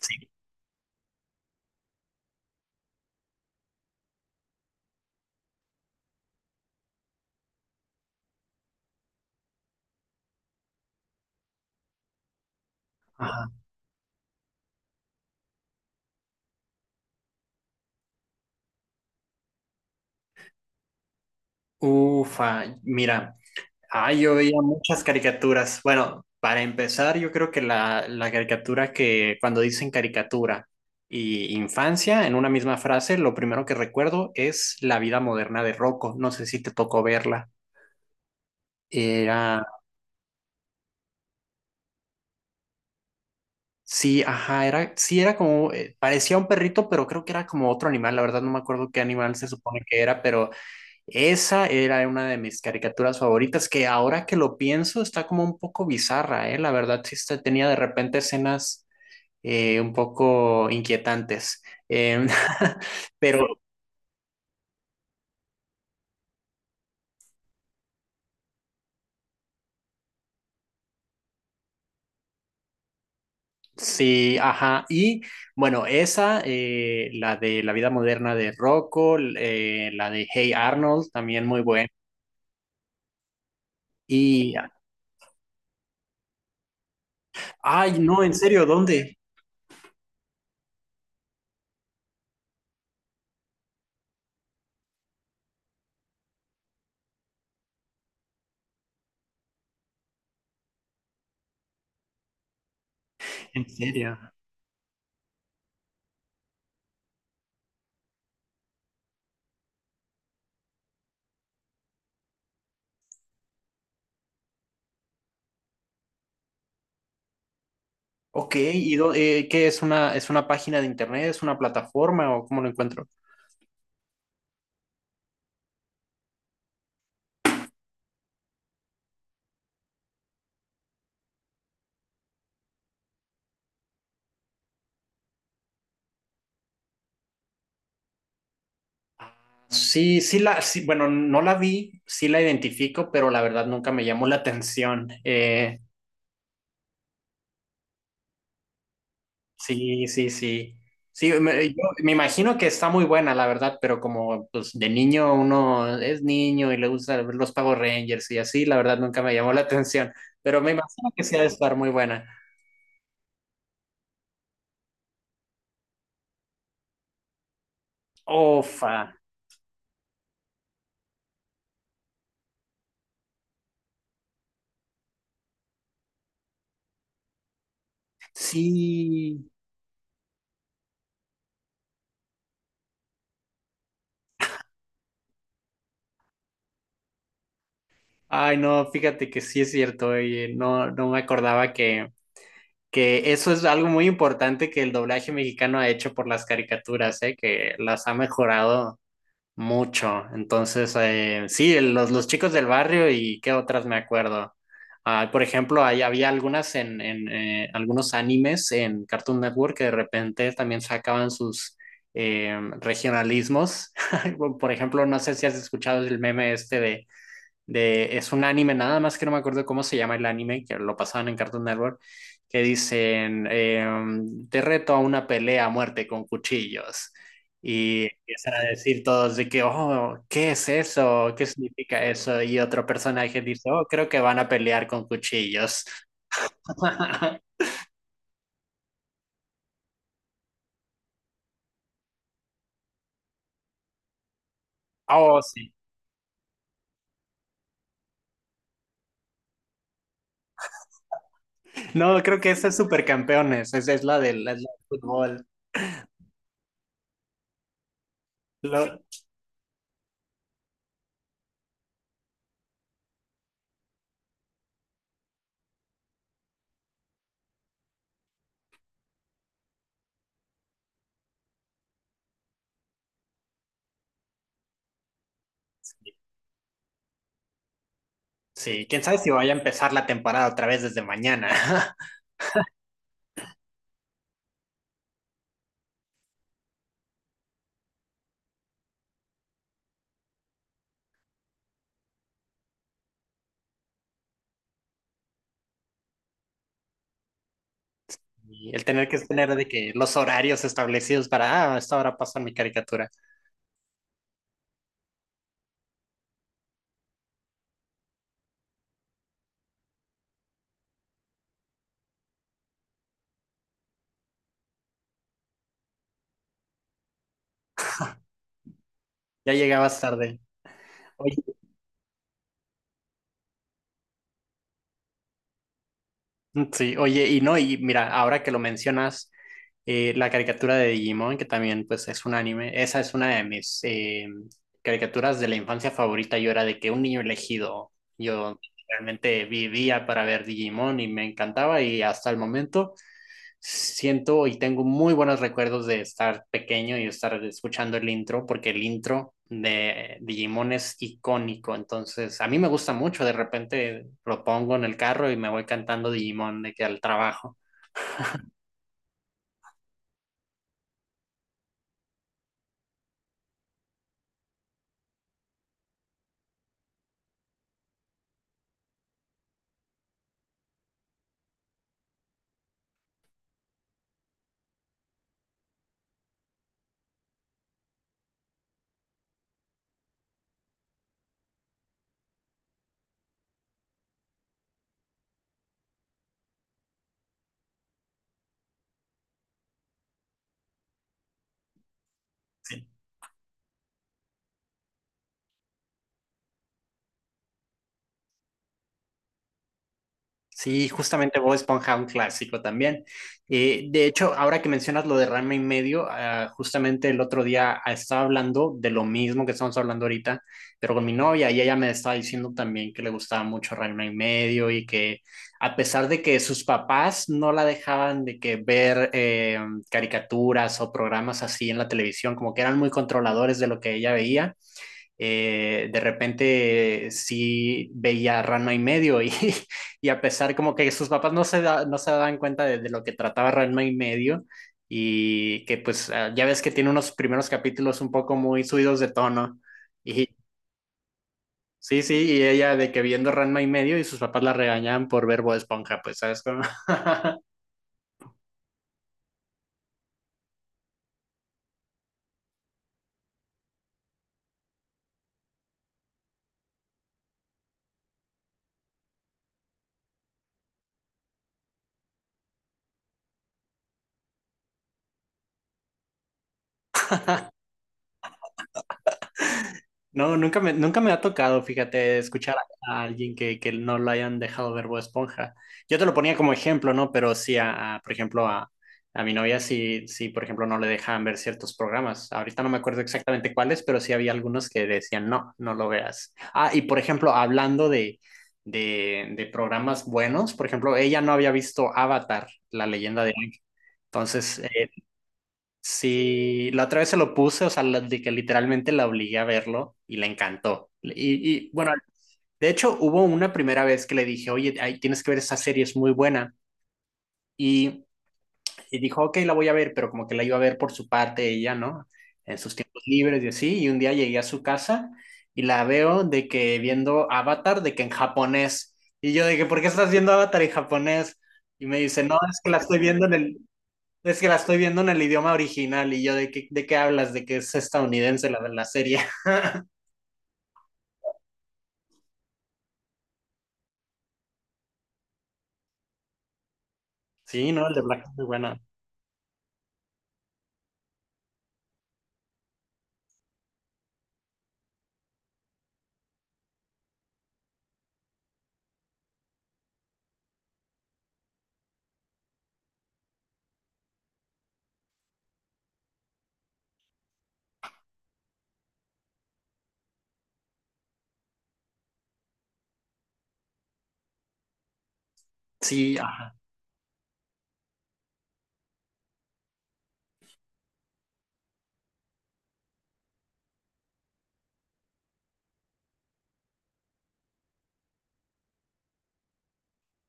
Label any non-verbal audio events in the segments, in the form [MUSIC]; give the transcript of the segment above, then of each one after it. Sí. Ajá. Ufa, mira, yo veía muchas caricaturas. Bueno, para empezar, yo creo que la caricatura que cuando dicen caricatura y infancia en una misma frase, lo primero que recuerdo es La vida moderna de Rocco. No sé si te tocó verla. Era, sí, ajá, era, sí, era como, parecía un perrito, pero creo que era como otro animal. La verdad no me acuerdo qué animal se supone que era, pero esa era una de mis caricaturas favoritas, que ahora que lo pienso está como un poco bizarra, ¿eh? La verdad tenía de repente escenas un poco inquietantes. Em, [LAUGHS] pero sí, ajá. Y bueno, esa, la de La vida moderna de Rocco, la de Hey Arnold, también muy buena. Y ay, no, ¿en serio, dónde? En serio. Ok, ¿ qué es, una, es una página de internet, es una plataforma o cómo lo encuentro? Sí, bueno, no la vi, sí la identifico, pero la verdad nunca me llamó la atención. Sí, sí, sí. Yo me imagino que está muy buena, la verdad, pero como pues de niño uno es niño y le gusta ver los Power Rangers y así, la verdad nunca me llamó la atención, pero me imagino que sí ha de estar muy buena. Ofa, sí. Ay, no, fíjate que sí es cierto, oye, no, no me acordaba que eso es algo muy importante que el doblaje mexicano ha hecho por las caricaturas, ¿eh?, que las ha mejorado mucho. Entonces, sí, los chicos del barrio y qué otras me acuerdo. Ah, por ejemplo, ahí había algunas en, en algunos animes en Cartoon Network que de repente también sacaban sus regionalismos. [LAUGHS] Por ejemplo, no sé si has escuchado el meme este de, es un anime, nada más que no me acuerdo cómo se llama el anime, que lo pasaban en Cartoon Network, que dicen, te reto a una pelea a muerte con cuchillos. Y empiezan a decir todos de que, oh, ¿qué es eso? ¿Qué significa eso? Y otro personaje dice, oh, creo que van a pelear con cuchillos. [LAUGHS] Oh, sí. No, creo que esa es Supercampeones, esa es la del fútbol. Lo- sí, quién sabe si vaya a empezar la temporada otra vez desde mañana. [LAUGHS] Y el tener que tener de que los horarios establecidos para, ah, a esta hora pasa mi caricatura. Ya llegabas tarde. Oye, mm, sí, oye, y no, y mira, ahora que lo mencionas, la caricatura de Digimon, que también pues es un anime, esa es una de mis caricaturas de la infancia favorita. Yo era de que un niño elegido, yo realmente vivía para ver Digimon y me encantaba, y hasta el momento siento y tengo muy buenos recuerdos de estar pequeño y estar escuchando el intro, porque el intro de Digimon es icónico, entonces a mí me gusta mucho, de repente lo pongo en el carro y me voy cantando Digimon de que al trabajo. Sí, sí, justamente Bob Esponja, un clásico también. De hecho, ahora que mencionas lo de Rama y medio, ah, justamente el otro día ah, estaba hablando de lo mismo que estamos hablando ahorita, pero con mi novia y ella me estaba diciendo también que le gustaba mucho Rama y medio, y que a pesar de que sus papás no la dejaban de que ver caricaturas o programas así en la televisión, como que eran muy controladores de lo que ella veía, de repente sí veía Rano y medio y, [LAUGHS] y a pesar como que sus papás no se daban cuenta de lo que trataba Rano y medio, y que pues ah, ya ves que tiene unos primeros capítulos un poco muy subidos de tono, y sí, sí, y ella de que viendo Ranma y medio y sus papás la regañaban por ver Bob Esponja, pues sabes cómo. [LAUGHS] No, nunca me ha tocado, fíjate, escuchar a alguien que no lo hayan dejado ver Bob Esponja. Yo te lo ponía como ejemplo, ¿no? Pero sí, a, por ejemplo, a mi novia sí, sí, por ejemplo, no le dejaban ver ciertos programas. Ahorita no me acuerdo exactamente cuáles, pero sí había algunos que decían, no, no lo veas. Ah, y por ejemplo, hablando de programas buenos, por ejemplo, ella no había visto Avatar, la leyenda de... Aang. Entonces, sí, la otra vez se lo puse, o sea, de que literalmente la obligué a verlo y le encantó. Y, y bueno, de hecho hubo una primera vez que le dije, oye, ay, tienes que ver esa serie, es muy buena. Y y dijo, ok, la voy a ver, pero como que la iba a ver por su parte ella, ¿no? En sus tiempos libres y así. Y un día llegué a su casa y la veo de que viendo Avatar, de que en japonés. Y yo de que, ¿por qué estás viendo Avatar en japonés? Y me dice, no, es que la estoy viendo en el idioma original, y yo de qué hablas, de que es estadounidense la de la serie. [LAUGHS] Sí, no, el de Black es muy bueno. Sí, ajá.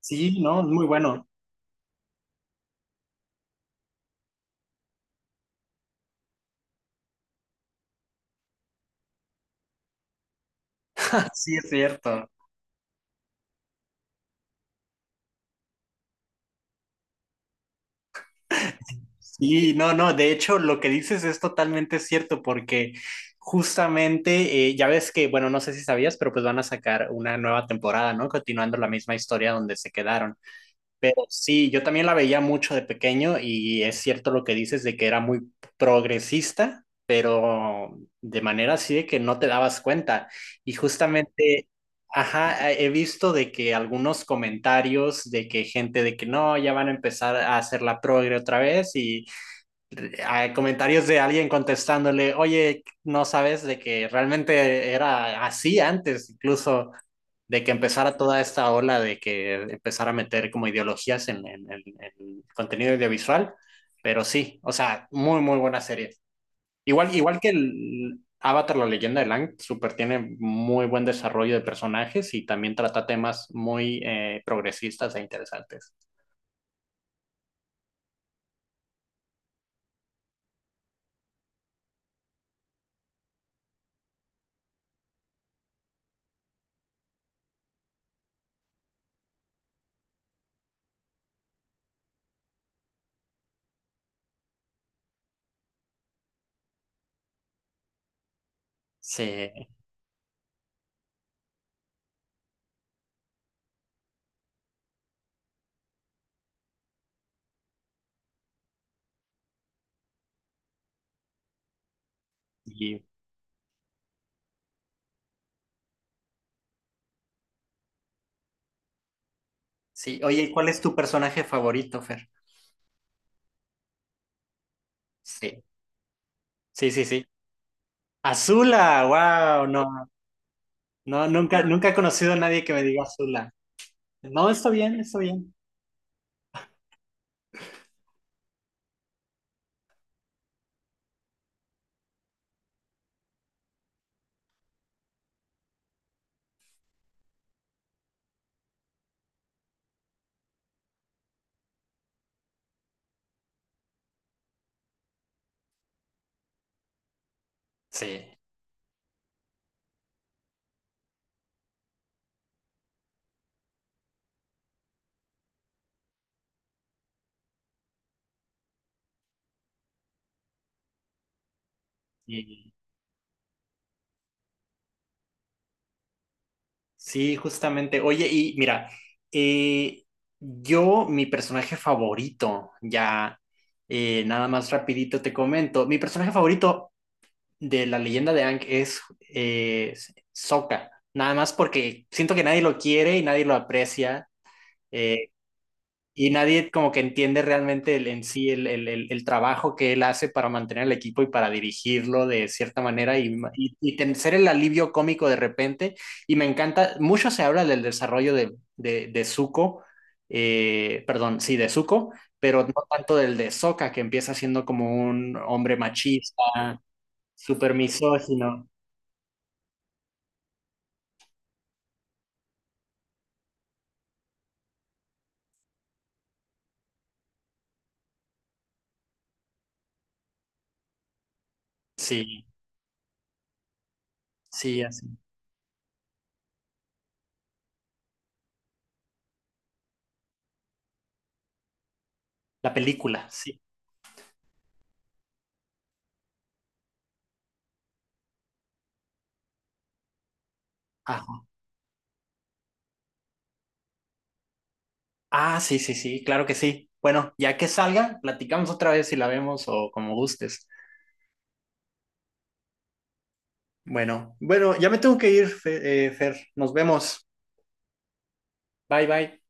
Sí, no, es muy bueno. [LAUGHS] Sí, es cierto. Sí, no, no, de hecho lo que dices es totalmente cierto, porque justamente ya ves que, bueno, no sé si sabías, pero pues van a sacar una nueva temporada, ¿no? Continuando la misma historia donde se quedaron. Pero sí, yo también la veía mucho de pequeño y es cierto lo que dices de que era muy progresista, pero de manera así de que no te dabas cuenta. Y justamente, ajá, he visto de que algunos comentarios de que gente de que no, ya van a empezar a hacer la progre otra vez y a comentarios de alguien contestándole, oye, no sabes de que realmente era así antes, incluso de que empezara toda esta ola de que empezara a meter como ideologías en el contenido audiovisual, pero sí, o sea, muy, muy buena serie. Igual, igual que el Avatar, la leyenda de Lang, super tiene muy buen desarrollo de personajes y también trata temas muy progresistas e interesantes. Sí, y sí. Oye, ¿cuál es tu personaje favorito, Fer? Sí, sí, sí, sí. Azula, wow, no, no, nunca, nunca he conocido a nadie que me diga Azula. No, está bien, está bien. Sí, y- sí, justamente. Oye, y mira, eh, mi personaje favorito, ya, nada más rapidito te comento, mi personaje favorito de la leyenda de Aang es eh, Sokka, nada más porque siento que nadie lo quiere y nadie lo aprecia. eh, y nadie como que entiende realmente el, en sí el trabajo que él hace para mantener el equipo y para dirigirlo de cierta manera, y ser el alivio cómico de repente. Y me encanta, mucho se habla del desarrollo de Zuko, perdón, sí, de Zuko, pero no tanto del de Sokka, que empieza siendo como un hombre machista, súper misógino. Sí, sí, así. La película, sí. Ajá. Ah, sí, sí, sí, claro que sí. Bueno, ya que salga, platicamos otra vez si la vemos o como gustes. Bueno, bueno, ya me tengo que ir, Fer. Nos vemos. Bye, bye.